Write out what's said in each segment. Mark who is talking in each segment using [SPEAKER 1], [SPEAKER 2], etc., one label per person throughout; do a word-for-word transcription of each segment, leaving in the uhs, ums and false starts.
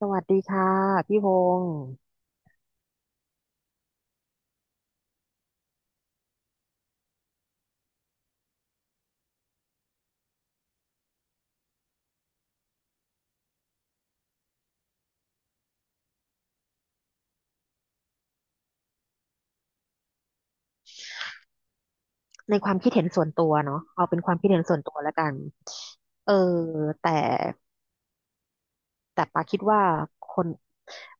[SPEAKER 1] สวัสดีค่ะพี่พงศ์ในความคิดเห็นส่วนตัวเนาะเอาเป็นความคิดเห็นส่วนตัวแล้วกันเออแต่แต่ปาคิดว่าคน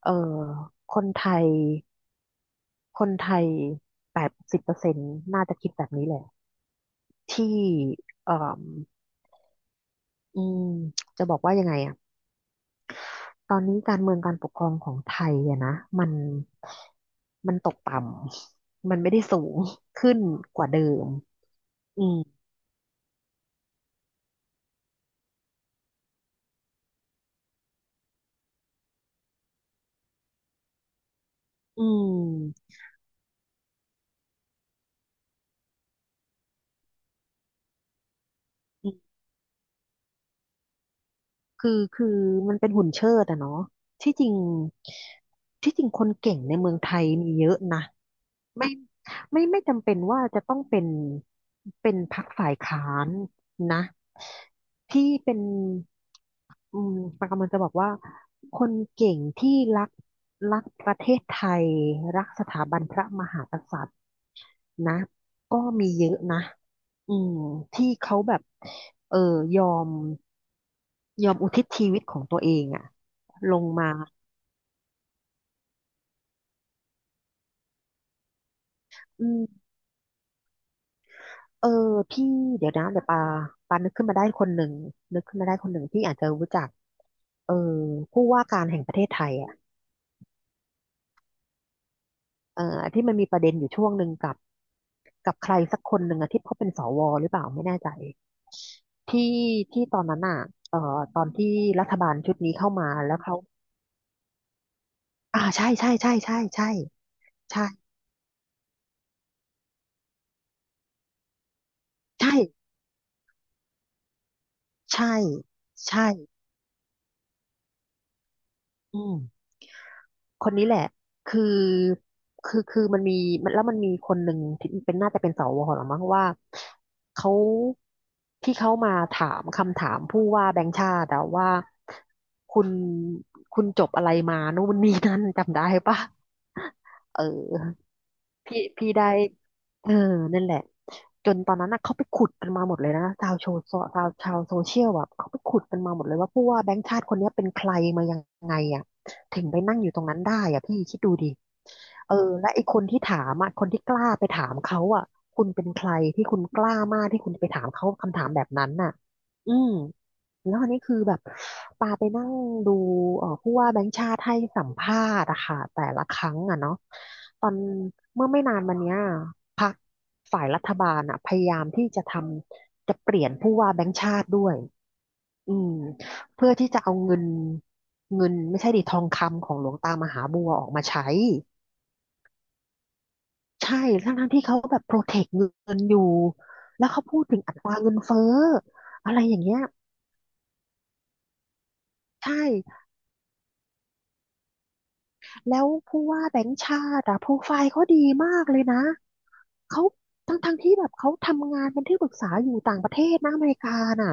[SPEAKER 1] เออคนไทยคนไทยแปดสิบเปอร์เซ็นต์น่าจะคิดแบบนี้แหละที่เอออืมจะบอกว่ายังไงอะตอนนี้การเมืองการปกครองของไทยอะนะมันมันตกต่ำมันไม่ได้สูงขึ้นกว่าเดิมอืมอืม คือคือมันเป็นหุ่นเชิดอะเนาะที่จริงที่จริงคนเก่งในเมืองไทยมีเยอะนะไม่ไม่ไม่จำเป็นว่าจะต้องเป็นเป็นพรรคฝ่ายค้านนะที่เป็นอืมปากำลังจะบอกว่าคนเก่งที่รักรักประเทศไทยรักสถาบันพระมหากษัตริย์ นะก็มีเยอะนะอืมที่เขาแบบเออยอมยอมอุทิศชีวิตของตัวเองอะลงมาอืมเออพี่เดี๋ยวนะเดี๋ยวปาปานึกขึ้นมาได้คนหนึ่งนึกขึ้นมาได้คนหนึ่งที่อาจจะรู้จักเออผู้ว่าการแห่งประเทศไทยอ่ะเออที่มันมีประเด็นอยู่ช่วงหนึ่งกับกับใครสักคนหนึ่งอะที่เขาเป็นสวหรือเปล่าไม่แน่ใจที่ที่ตอนนั้นอ่ะเอ่อตอนที่รัฐบาลชุดนี้เข้ามาแล้วเขา อ่าใช่ใช่ใช่ใช่ใช่ใช่ใช่ใช่ใช่อืมคนนี้แหละคือคือคือมันมีมันแล้วมันมีคนหนึ่งที่เป็นน่าจะเป็นสวหรือมั้งว่าเขาที่เขามาถามคำถามผู้ว่าแบงค์ชาติอะว่าคุณคุณจบอะไรมานู่นนี่นั่นจำได้ปะเออ พี่พี่ได้เออนั่นแหละจนตอนนั้นน่ะเขาไปขุดกันมาหมดเลยนะชาวโซชาวชาวโซเชียลแบบเขาไปขุดกันมาหมดเลยว่าผู้ว่าแบงค์ชาติคนเนี้ยเป็นใครมายังไงอ่ะถึงไปนั่งอยู่ตรงนั้นได้อ่ะพี่คิดดูดิเออและไอ้คนที่ถามอ่ะคนที่กล้าไปถามเขาอ่ะคุณเป็นใครที่คุณกล้ามากที่คุณจะไปถามเขาคำถามแบบนั้นน่ะอืม แล้วอันนี้คือแบบปาไปนั่งดูเอ่อผู้ว่าแบงค์ชาติให้สัมภาษณ์อะค่ะแต่ละครั้งอะเนาะตอนเมื่อไม่นานมาเนี้ยพรรคฝ่ายรัฐบาลอะพยายามที่จะทำจะเปลี่ยนผู้ว่าแบงค์ชาติด้วยอืมเพื่อที่จะเอาเงินเงินไม่ใช่ดิทองคำของหลวงตามหาบัวออกมาใช้ใช่ทั้งทั้งที่เขาแบบโปรเทคเงินอยู่แล้วเขาพูดถึงอัตราเงินเฟ้ออะไรอย่างเงี้ยใช่ แล้วผู้ว่าแบงค์ชาติอะโปรไฟล์เขาดีมากเลยนะเขาทั้งทั้งที่แบบเขาทำงานเป็นที่ปรึกษาอยู่ต่างประเทศนะอเมริกาน่ะ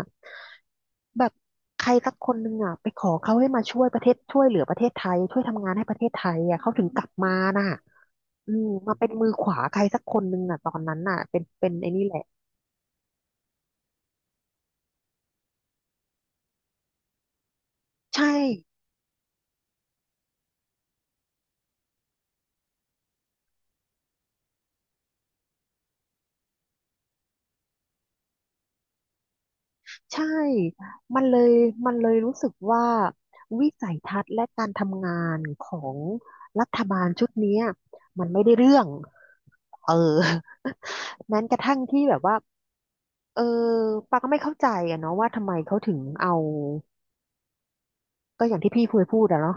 [SPEAKER 1] แบบใครสักคนหนึ่งอ่ะไปขอเขาให้มาช่วยประเทศช่วยเหลือประเทศไทยช่วยทำงานให้ประเทศไทยอ่ะเขาถึงกลับมาน่ะอืมมาเป็นมือขวาใครสักคนหนึ่งอ่ะตอนนั้นน่ะเป็นเป็นไอ้นี่แหละใช่ ใช่มันเลย มันเลยรู้สึกว่าวิสัยทัศน์และการทำงานของรัฐบาลชุดเนี้ยมันไม่ได้เรื่องเออ แม้กระทั่งที่แบบว่าเออปาก็ไม่เข้าใจอะเนาะว่าทำไมเขาถึงเอาก็อย่างที่พี่เคยพูดอะเนาะ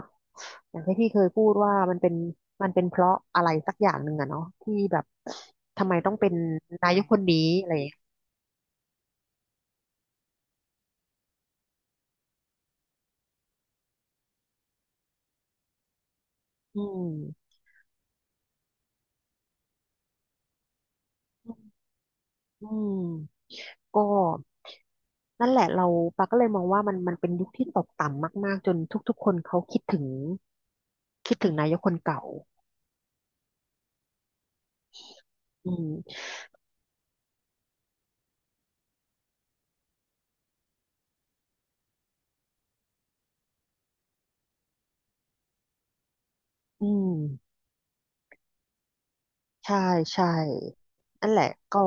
[SPEAKER 1] อย่างที่พี่เคยพูดว่ามันเป็นมันเป็นเพราะอะไรสักอย่างหนึ่งอะเนาะที่แบบทำไมต้องเป็นนายกคนนี้อะไรอย่างเงี้ยอืมอืมก็ นั่นแหละเราปาก็เลยมองว่ามันมันเป็นยุคที่ตกต่ำมากๆจนทุกๆคนเขาคิดถึงคิดถึงนายกคนเก่าอืมอืม ใช่ใช่นั่นแหละก็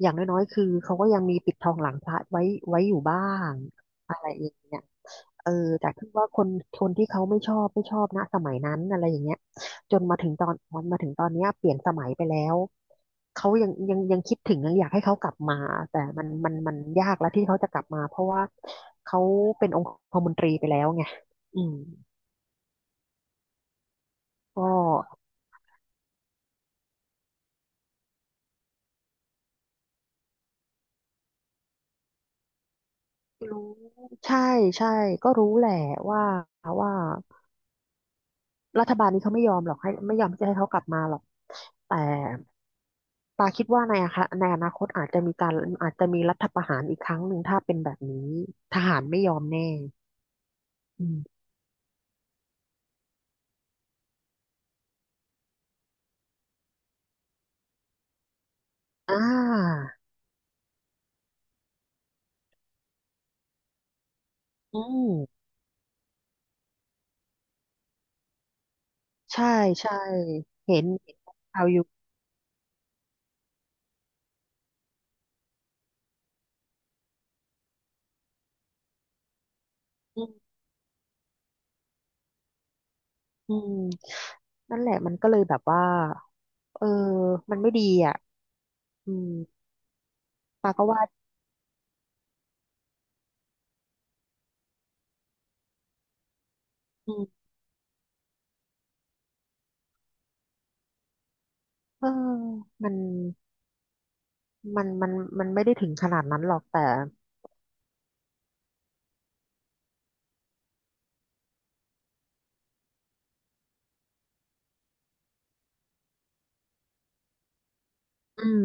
[SPEAKER 1] อย่างน้อยๆคือเขาก็ยังมีปิดทองหลังพระไว้ไว้อยู่บ้างอะไรอย่างเงี้ยเออแต่คือว่าคนคนที่เขาไม่ชอบไม่ชอบนะสมัยนั้นอะไรอย่างเงี้ยจนมาถึงตอนมาถึงตอนเนี้ยเปลี่ยนสมัยไปแล้วเขายังยังยังคิดถึงยังอยากให้เขากลับมาแต่มันมันมันยากแล้วที่เขาจะกลับมาเพราะว่าเขาเป็นองคมนตรีไปแล้วไงอืมก็ รู้ใช่ใช่ก็รู้แหละว่าว่ารัฐบาลนี้เขาไม่ยอมหรอกให้ไม่ยอมที่จะให้เขากลับมาหรอกแต่ปาคิดว่าในอะคะในอนาคตอาจจะมีการอาจจะมีรัฐประหารอีกครั้งหนึ่งถ้าเป็นแบบนี้ทหารไม่ยอมแน่อืมอ่าอืมใช่ใช่เห็นเห็นข่าวอยู่อืมอืมนั่นแหละมันก็เลยแบบว่าเออมันไม่ดีอ่ะอืมปาก็ว่าอืมเออมัน มันมันมันไม่ได้ถึงขนาดนั้นหรอกแต่อืม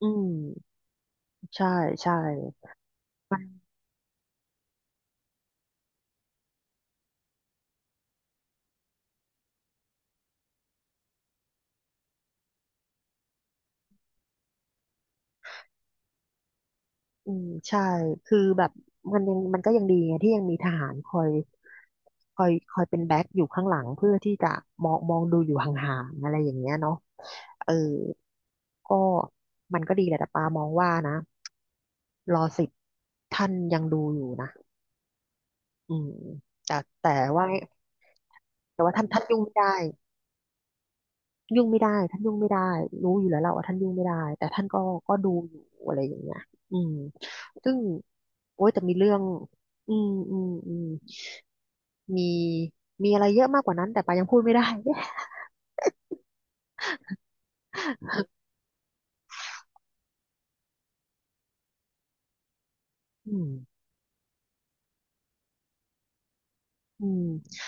[SPEAKER 1] อืมใช่ใช่มันอืมใช่คือแบบมันยังมันก็ยังดีไงที่ยังมีทหารคอยคอยคอยเป็นแบ็คอยู่ข้างหลังเพื่อที่จะมองมองดูอยู่ห่างๆอะไรอย่างเงี้ยเนาะเออก็มันก็ดีแหละแต่ปามองว่านะรอสิบท่านยังดูอยู่นะอืมแต่แต่ว่าแต่ว่าท่านท่านยุ่งไม่ได้ ยุ่งไม่ได้ท่านยุ่งไม่ได้รู้อยู่แล้วแหละว่าท่านยุ่งไม่ได้แต่ท่านก็ก็ดูอยู่อะไรอย่างเงี้ยอืมซึ่งโอ๊ยแต่มีเรื่องอืมอืมอืมมีมีอะไรเยอะมากกว่านั้นแต่ปายังพูดไม่ได้ อืมอืม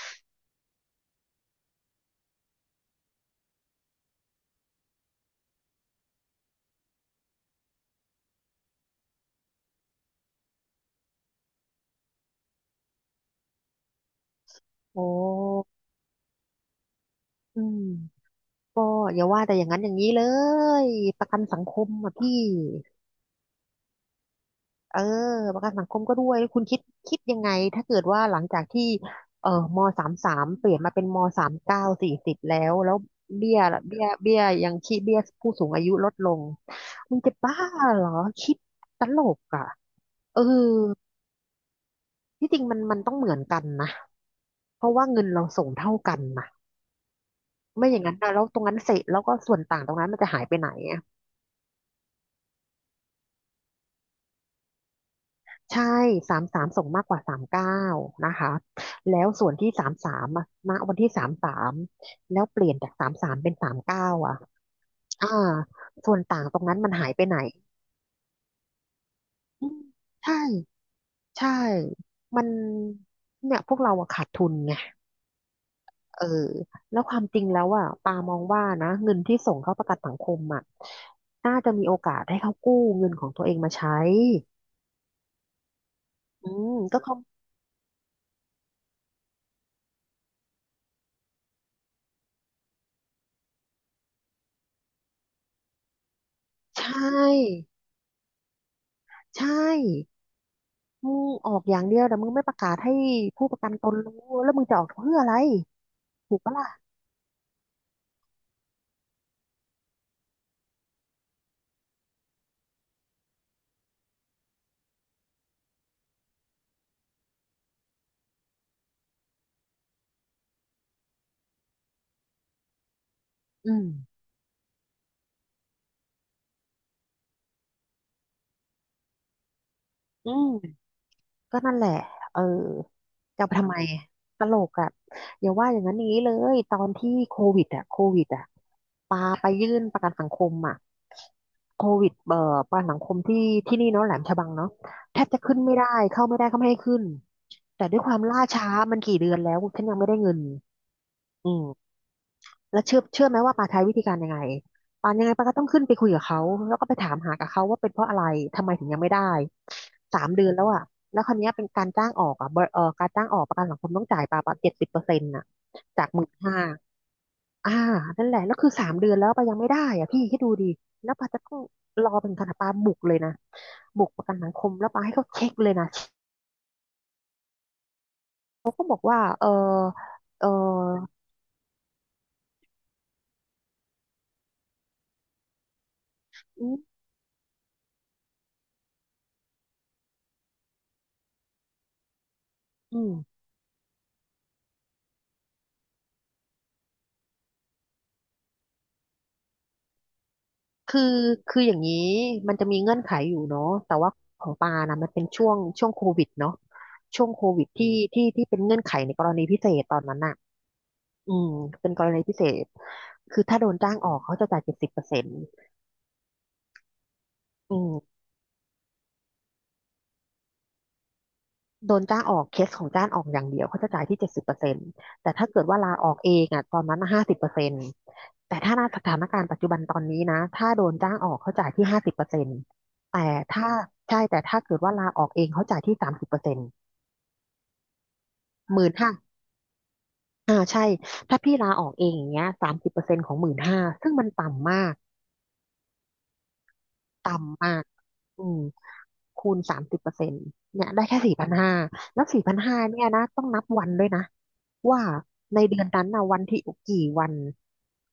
[SPEAKER 1] โอ้อืมก็อย่าว่าแต่อย่างนั้นอย่างนี้เลยประกันสังคมอ่ะพี่ เออประกันสังคมก็ด้วยคุณคิดคิดยังไงถ้าเกิดว่าหลังจากที่เออมสามสามเปลี่ยนมาเป็นมสามเก้าสี่สิบแล้วแล้วเบี้ยเบี้ยเบี้ยยังคีดเบี้ยผู้สูงอายุลดลงมึงจะบ้าเหรอคิดตลกอ่ะเออที่จริงมันมันต้องเหมือนกันนะเพราะว่าเงินเราส่งเท่ากันนะไม่อย่างนั้นนะแล้วตรงนั้นเสร็จแล้วก็ส่วนต่างตรงนั้นมันจะหายไปไหน ใช่สามสามส่งมากกว่าสามเก้านะคะแล้วส่วนที่สามสามณวันที่สามสามแล้วเปลี่ยนจากสามสามเป็นสามเก้าอ่ะอ่าส่วนต่างตรงนั้นมันหายไปไหนอืมใช่ ใช่ มันเนี่ยพวกเราอะขาดทุนไงเออ แล้วความจริงแล้วอะปามองว่านะเงินที่ส่งเข้าประกันสังคมอะน่าจะมีโอกาสให้เขากู้เงินของตัวเองมาใช้ อืมก็เขาใช่ใช่ มึงออกอย่างเดียวแต่มึงไม่ประกาศให้ผู้ประกันตนรู้แล้วมึงจะออกเพื่ออะไรถูกปะล่ะอืมอืมก็นั่นแหละเออจะเอาไปทำไมตลกอ่ะอย่าว่าอย่างนั้นอย่างนี้เลยตอนที่โควิดอ่ะโควิดอ่ะปาไปยื่นประกันสังคมอ่ะโควิดเอ่อประกันสังคมที่ที่นี่เนาะแหลมฉบังเนาะแทบจะขึ้นไม่ได้เข้าไม่ได้เขาไม่ให้ขึ้นแต่ด้วยความล่าช้ามันกี่เดือนแล้วฉันยังไม่ได้เงินอืม แล้วเชื่อเชื่อไหมว่าปาใช้วิธีการยังไงปายังไงปาก็ต้องขึ้นไปคุยกับเขาแล้วก็ไปถามหากับเขาว่าเป็นเพราะอะไรทำไมถึงยังไม่ได้สามเดือนแล้วอ่ะแล้วคราวเนี้ยเป็นการจ้างออกอ่ะบริเอ่อการจ้างออกประกันสังคมต้องจ่ายปาปาเจ็ดสิบเปอร์เซ็นต์่ะจากหมื่นห้าอ่านั่นแหละแล้วคือสามเดือนแล้วปายังไม่ได้อ่ะพี่คิดดูดิแล้วปาจะต้องรอเป็นขนาดปาบุกเลยนะบุกประกันสังคมแล้วปาให้เขาเช็คเลยนะเขาก็บอกว่าเออเอออืมอืม คือคืออย่างนี้มันจะมีเงื่อนไขอยู่เนาะแต่ว่าของปานะมันเป็นช่วงช่วงโควิดเนาะช่วงโควิดที่ที่ที่เป็นเงื่อนไขในกรณีพิเศษตอนนั้นน่ะอืมเป็นกรณีพิเศษคือถ้าโดนจ้างออกเขาจะจ่ายเจ็ดสิบเปอร์เซ็นต์อืมโดนจ้างออกเคสของจ้างออกอย่างเดียวเขาจะจ่ายที่เจ็ดสิบเปอร์เซ็นต์แต่ถ้าเกิดว่าลาออกเองอ่ะตอนนั้นห้าสิบเปอร์เซ็นต์แต่ถ้าในสถานการณ์ปัจจุบันตอนนี้นะถ้าโดนจ้างออกเขาจ่ายที่ห้าสิบเปอร์เซ็นต์แต่ถ้าใช่แต่ถ้าเกิดว่าลาออกเองเขาจ่ายที่สามสิบเปอร์เซ็นต์ หมื่นห้าถ้าพี่ลาออกเองอย่างเงี้ยสามสิบเปอร์เซ็นต์ของหมื่นห้าซึ่งมันต่ำมากต่ำมากอืมคูณสามสิบเปอร์เซ็นต์เนี่ยได้แค่สี่พันห้าแล้วสี่พันห้าเนี่ยนะต้องนับวันด้วยนะว่าในเดือนนั้นนะวันที่กี่วัน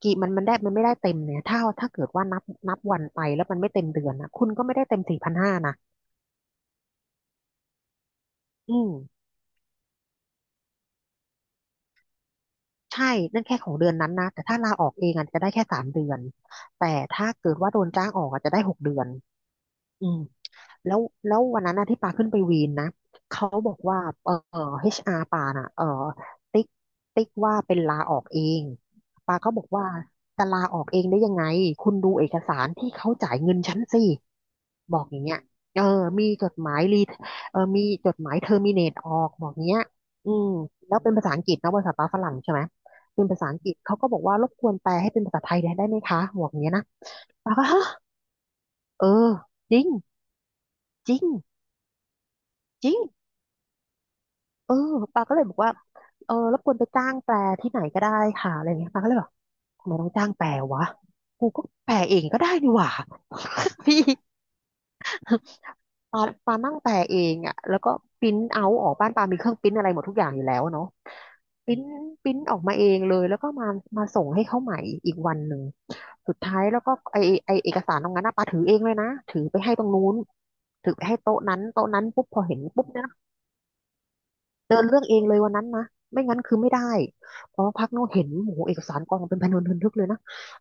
[SPEAKER 1] กี่มันมันได้มันไม่ได้เต็มเนี่ยถ้าถ้าเกิดว่านับนับวันไปแล้วมันไม่เต็มเดือนนะคุณก็ไม่ได้เต็มสี่พันห้านะอืมใช่นั่นแค่ของเดือนนั้นนะแต่ถ้าลาออกเองอาจจะได้แค่สามเดือนแต่ถ้าเกิดว่าโดนจ้างออกอาจจะได้หกเดือนอืม แล้วแล้ววันนั้นนะที่ปาขึ้นไปวีนนะเขาบอกว่าเอ่อ เอช อาร์ ปาน่ะเอ่อติ๊กติ๊กว่าเป็นลาออกเองปาก็บอกว่าจะลาออกเองได้ยังไงคุณดูเอกสารที่เขาจ่ายเงินฉันสิบอกอย่างเงี้ยเออมีจดหมายรีเออมีจดหมายเทอร์มิเนตออกบอกเงี้ยอืมแล้วเป็นภาษาอังกฤษนะภาษาปาฝรั่งใช่ไหมเป็นภาษาอังกฤษเขาก็บอกว่ารบกวนแปลให้เป็นภาษาไทยได้ไหมคะบอกเงี้ยนะปาก็ฮะเออจริงจริงจริง เออปาก็เลยบอกว่าเออรบกวนไปจ้างแปลที่ไหนก็ได้ค่ะอะไรอย่างเงี้ยปาก็เลยบอกทำไมต้องจ้างแปลวะกูก็แปลเองก็ได้นี่หว่า พี่ปาปานั่งแปลเองอ่ะแล้วก็ปริ้นเอาออกบ้านปามีเครื่องปริ้นอะไรหมดทุกอย่างอยู่แล้วเนาะปริ้นปริ้นออกมาเองเลยแล้วก็มามาส่งให้เขาใหม่อีกวันหนึ่งสุดท้ายแล้วก็ไอไอเอกสารตรงนั้นนะปาถือเองเลยนะถือไปให้ตรงนู้นถือไปให้โต๊ะนั้นโต๊ะนั้นปุ๊บพอเห็นปุ๊บเนี่ย เดินเรื่องเองเลยวันนั้นนะไม่งั้นคือไม่ได้เพราะพักโน้เห็นโอ้โหเอกสารกองเป็นพันวนทึนทึกเลยนะ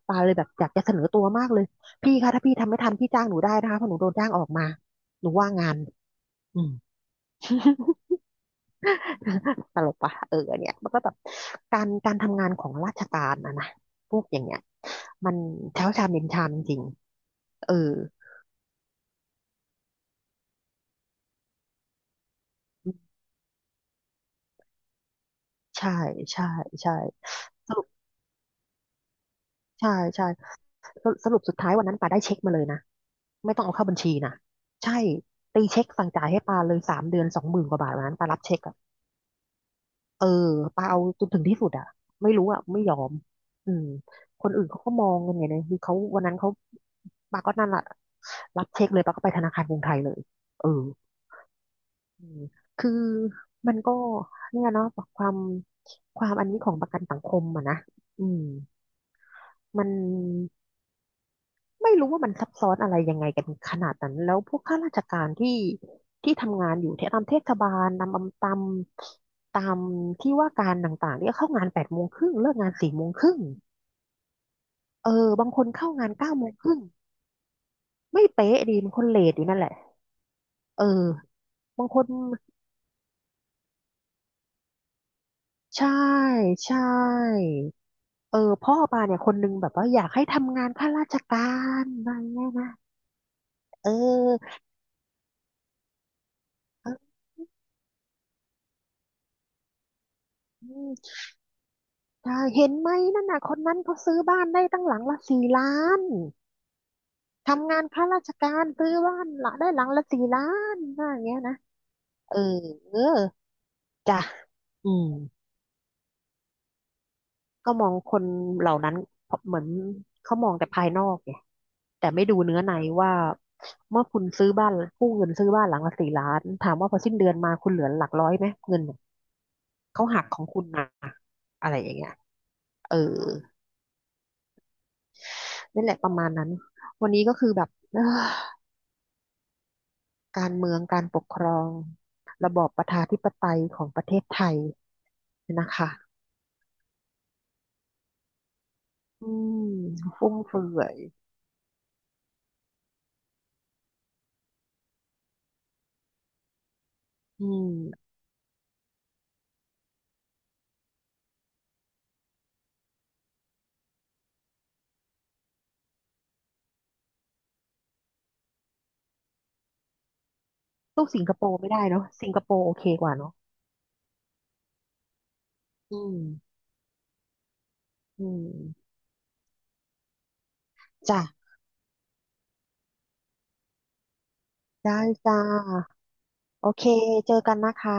[SPEAKER 1] ตาเลยแบบอยากจะเสนอตัวมากเลยพี่คะถ้าพี่ทำไม่ทันพี่จ้างหนูได้นะคะเพราะหนูโดนจ้างออกมาหนูว่างงานอืม ตลกปะเออเนี่ยมันก็แบบการการทำงานของราชการนะนะพวกอย่างเงี้ยมันเช้าชามเย็นชามจริงๆเออใช่ใช่ใช่สรุปใช่ใช่สรุปสรุปสุดท้ายวันนั้นป่าได้เช็คมาเลยนะ ไม่ต้องเอาเข้าบัญชีนะใช่ตีเช็คสั่งจ่ายให้ปาเลยสามเดือนสองหมื่นกว่าบาทวันนั้นปารับเช็คอะเออปาเอาจนถึงที่สุดอ่ะไม่รู้อ่ะไม่ยอมอืมคนอื่นเขาก็มองกันไงเนี่ยคือเขาวันนั้นเขาปาก็นั่นแหละรับเช็คเลยปาก็ไปธนาคารกรุงไทยเลยเอออืมคือมันก็เนี่ยเนาะความความอันนี้ของประกันสังคมอะนะอืมมัน ไม่รู้ว่ามันซับซ้อนอะไรยังไงกันขนาดนั้นแล้วพวกข้าราชการที่ที่ทำงานอยู่ที่ตามเทศบาลตามอำตามตามที่ว่าการต่างๆเนี่ยเข้างานแปดโมงครึ่งเลิกงานสี่โมงครึ่งเออบางคนเข้างานเก้าโมงครึ่งไม่เป๊ะดีบางคนเลทอยู่นั่นแหละเออบางคนใช่ใช่เออพ่อปาเนี่ยคนนึงแบบว่าอยากให้ทำงานข้าราชการอะไรเงี้ยนะเออเออ ใช่เห็นไหมนั่นน่ะคนนั้นเขาซื้อบ้านได้ตั้งหลังละสี่ล้าน ทำงานข้าราชการซื้อบ้านละได้หลังละสี่ล้านว่าอย่างเงี้ยนะเออเออจ้ะอืมก็มองคนเหล่านั้นเหมือนเขามองแต่ภายนอกไงแต่ไม่ดูเนื้อในว่าเมื่อคุณซื้อบ้านกู้เงินซื้อบ้านหลังละสี่ล้านถามว่าพอสิ้นเดือนมาคุณเหลือหลักร้อยไหมเงินเนี่ยเขาหักของคุณนะอะไรอย่างเงี้ยเออนั่นแหละประมาณนั้นวันนี้ก็คือแบบเอ้อ การเมืองการปกครองระบอบประชาธิปไตยของประเทศไทยนะคะอืมฟุ่มเฟือยอืมสู้สิงคโปร์ไม่ได้เนาะสิงคโปร์โอเคกว่าเนาะอืมอืมจ้ะได้จ้าโอเคเจอกันนะคะ